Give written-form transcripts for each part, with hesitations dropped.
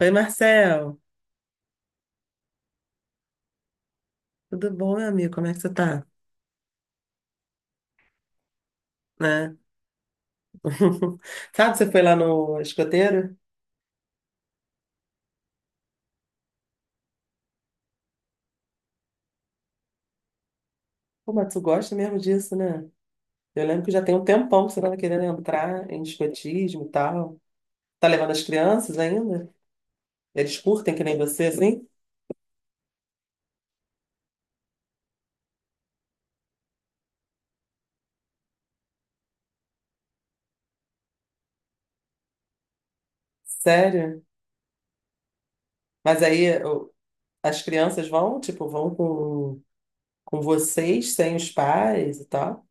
Oi, Marcel. Tudo bom, meu amigo? Como é que você tá? Né? Sabe, você foi lá no escoteiro? Pô, mas tu gosta mesmo disso, né? Eu lembro que já tem um tempão que você tava querendo entrar em escotismo e tal. Tá levando as crianças ainda? Eles curtem que nem você, assim? Sério? Mas aí as crianças vão, tipo, vão com vocês, sem os pais e tal?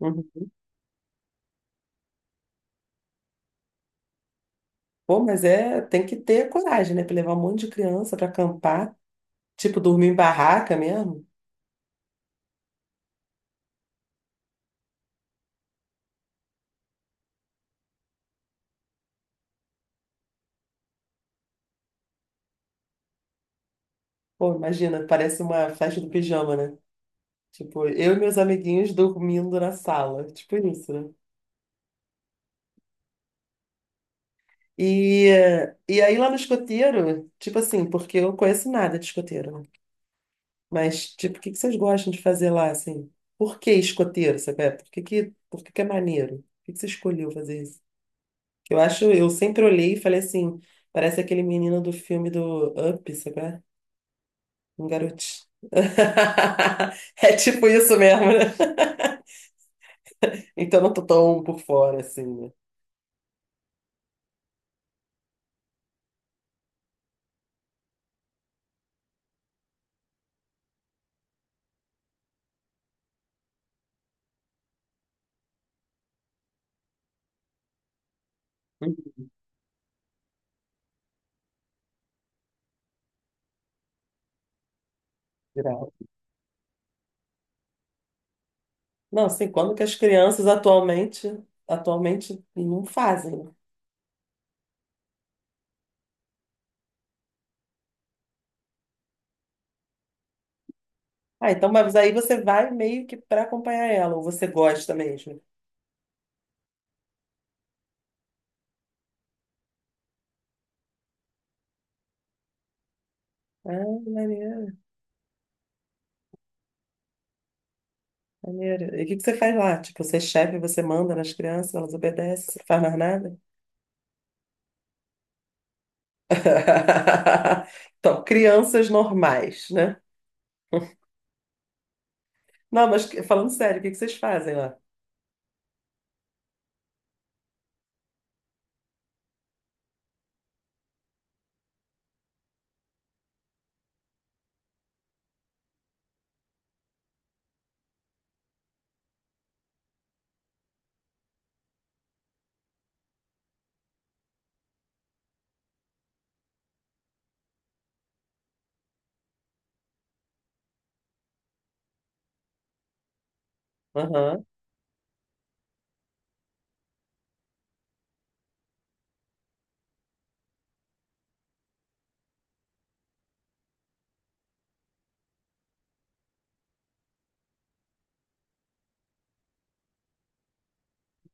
Uhum. Pô, mas é, tem que ter coragem, né? Pra levar um monte de criança pra acampar, tipo, dormir em barraca mesmo. Pô, imagina, parece uma festa do pijama, né? Tipo, eu e meus amiguinhos dormindo na sala, tipo isso, né? E, e aí lá no escoteiro, tipo assim, porque eu não conheço nada de escoteiro, né? Mas, tipo, o que que vocês gostam de fazer lá, assim? Por que escoteiro, sabe? É, por que que, por que que é maneiro? Por que que você escolheu fazer isso? Eu sempre olhei e falei assim, parece aquele menino do filme do Up, sabe? Um garotinho. É tipo isso mesmo, né? Então eu não tô tão por fora, assim, né? Uhum. Geral. Não, assim, quando que as crianças atualmente, atualmente não fazem, né? Ah, então, mas aí você vai meio que para acompanhar ela, ou você gosta mesmo. Ah, maneiro, maneiro. E o que que você faz lá? Tipo, você é chefe, você manda nas crianças, elas obedecem, você não faz mais nada? Então, crianças normais, né? Não, falando sério, o que que vocês fazem lá?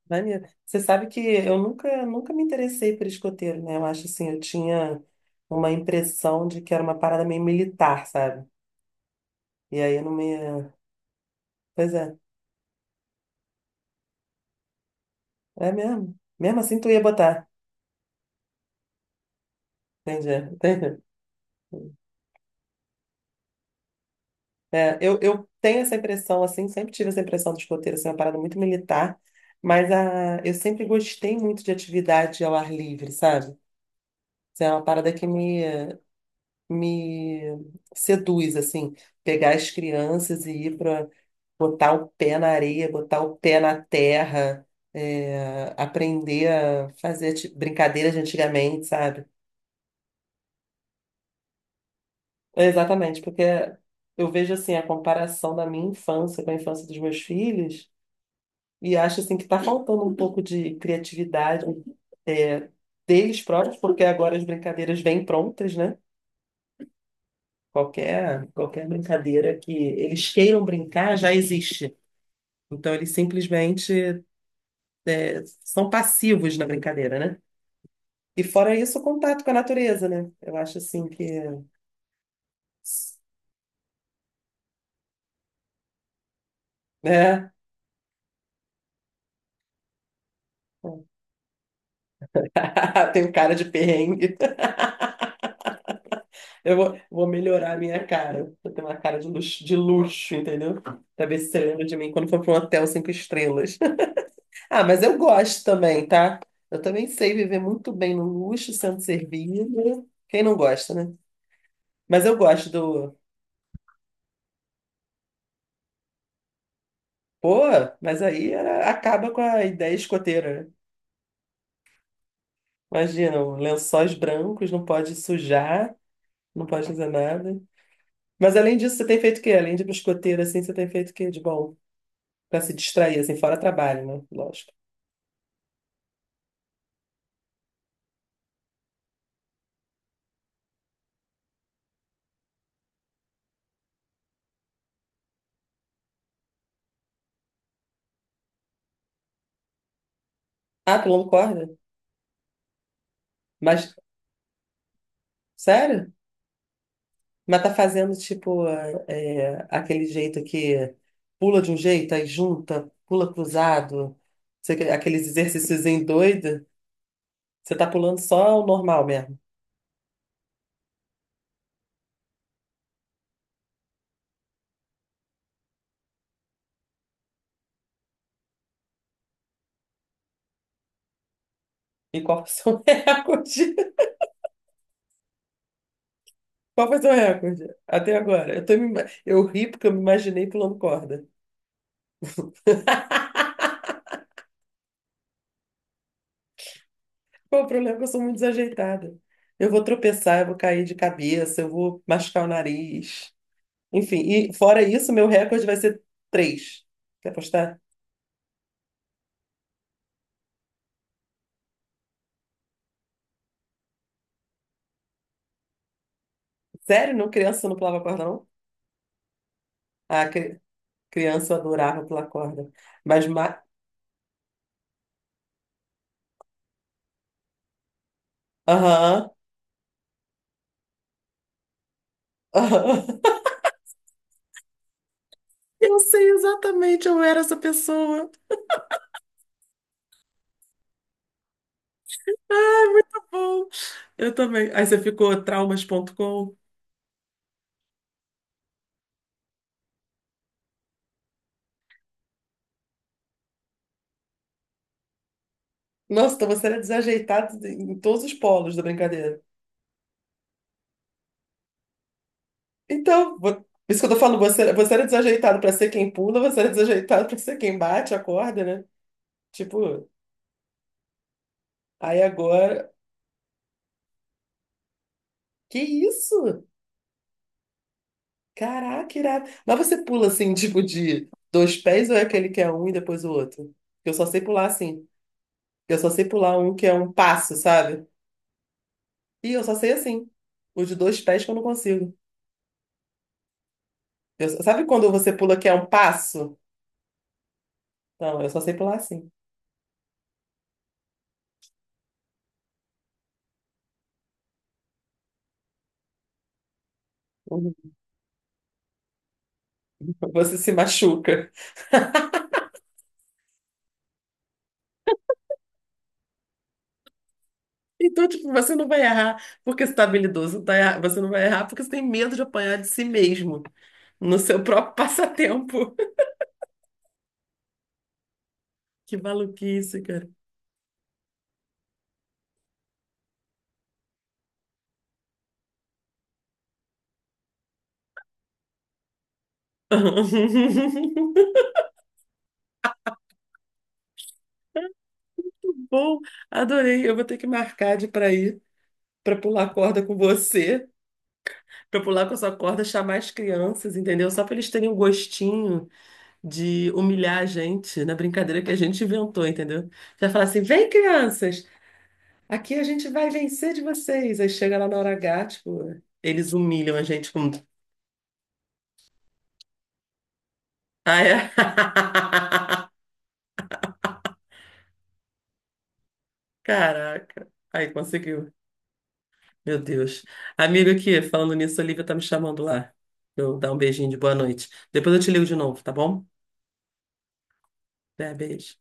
Maneiro. Você sabe que eu nunca me interessei por escoteiro, né? Eu acho assim, eu tinha uma impressão de que era uma parada meio militar, sabe? E aí eu não me. Pois é, é mesmo. Mesmo assim, tu ia botar. Entendi, entendi. É, eu tenho essa impressão, assim, sempre tive essa impressão do escoteiro, assim, uma parada muito militar, mas a, eu sempre gostei muito de atividade ao ar livre, sabe? Isso é uma parada que me seduz, assim, pegar as crianças e ir para botar o pé na areia, botar o pé na terra, é, aprender a fazer brincadeiras de antigamente, sabe? É, exatamente, porque eu vejo assim a comparação da minha infância com a infância dos meus filhos e acho assim que está faltando um pouco de criatividade, é, deles próprios, porque agora as brincadeiras vêm prontas, né? Qualquer brincadeira que eles queiram brincar já existe. Então eles simplesmente são passivos na brincadeira, né? E fora isso, o contato com a natureza, né? Eu acho assim que, né? Tenho cara de perrengue. Vou melhorar a minha cara. Eu tenho uma cara de luxo, entendeu? Pra ver se você lembra de mim quando for para um hotel cinco estrelas. Ah, mas eu gosto também, tá? Eu também sei viver muito bem no luxo, sendo servido. Quem não gosta, né? Mas eu gosto do. Pô, mas acaba com a ideia escoteira, né? Imagina, um lençóis brancos, não pode sujar. Não pode fazer nada. Mas além disso, você tem feito o quê? Além de biscoteiro, assim, você tem feito o quê de bom? Pra se distrair, assim, fora trabalho, né? Lógico. Ah, pulando corda? Mas, sério? Mas tá fazendo, tipo, aquele jeito que pula de um jeito, aí junta, pula cruzado. Aqueles exercícios em doido. Você tá pulando só o normal mesmo. E qual foi o seu recorde? Qual foi o seu recorde? Até agora. Eu, eu ri porque eu me imaginei pulando corda. Qual o problema é que eu sou muito desajeitada. Eu vou tropeçar, eu vou cair de cabeça, eu vou machucar o nariz. Enfim, e fora isso, meu recorde vai ser três. Quer apostar? Sério? Não, criança não pulava corda, não? Ah, criança adorava pular corda. Mas, ma... Aham, aham. Eu sei exatamente, eu era essa pessoa. Tá bom, eu também. Aí você ficou traumas.com. Nossa, então você era desajeitado em todos os polos da brincadeira. Então, por isso que eu tô falando, você era desajeitado pra ser quem pula, você era desajeitado pra ser quem bate a corda, né? Tipo, aí agora. Que isso? Caraca, irado. Mas você pula assim, tipo, de dois pés ou é aquele que é um e depois o outro? Eu só sei pular assim. Eu só sei pular um que é um passo, sabe? E eu só sei assim. O de dois pés que eu não consigo. Sabe quando você pula que é um passo? Não, eu só sei pular assim. Você se machuca. Então, tipo, você não vai errar porque você está habilidoso, você não vai errar porque você tem medo de apanhar de si mesmo, no seu próprio passatempo. Que maluquice, cara. Bom, adorei. Eu vou ter que marcar de para ir, para pular corda com você, para pular com a sua corda, chamar as crianças, entendeu? Só para eles terem um gostinho de humilhar a gente na brincadeira que a gente inventou, entendeu? Já falar assim: vem, crianças! Aqui a gente vai vencer de vocês. Aí chega lá na hora H, tipo, eles humilham a gente com. Ah, é? Caraca. Aí conseguiu. Meu Deus. Amigo, aqui, falando nisso, a Olivia tá me chamando lá. Eu vou dar um beijinho de boa noite. Depois eu te ligo de novo, tá bom? É, beijo.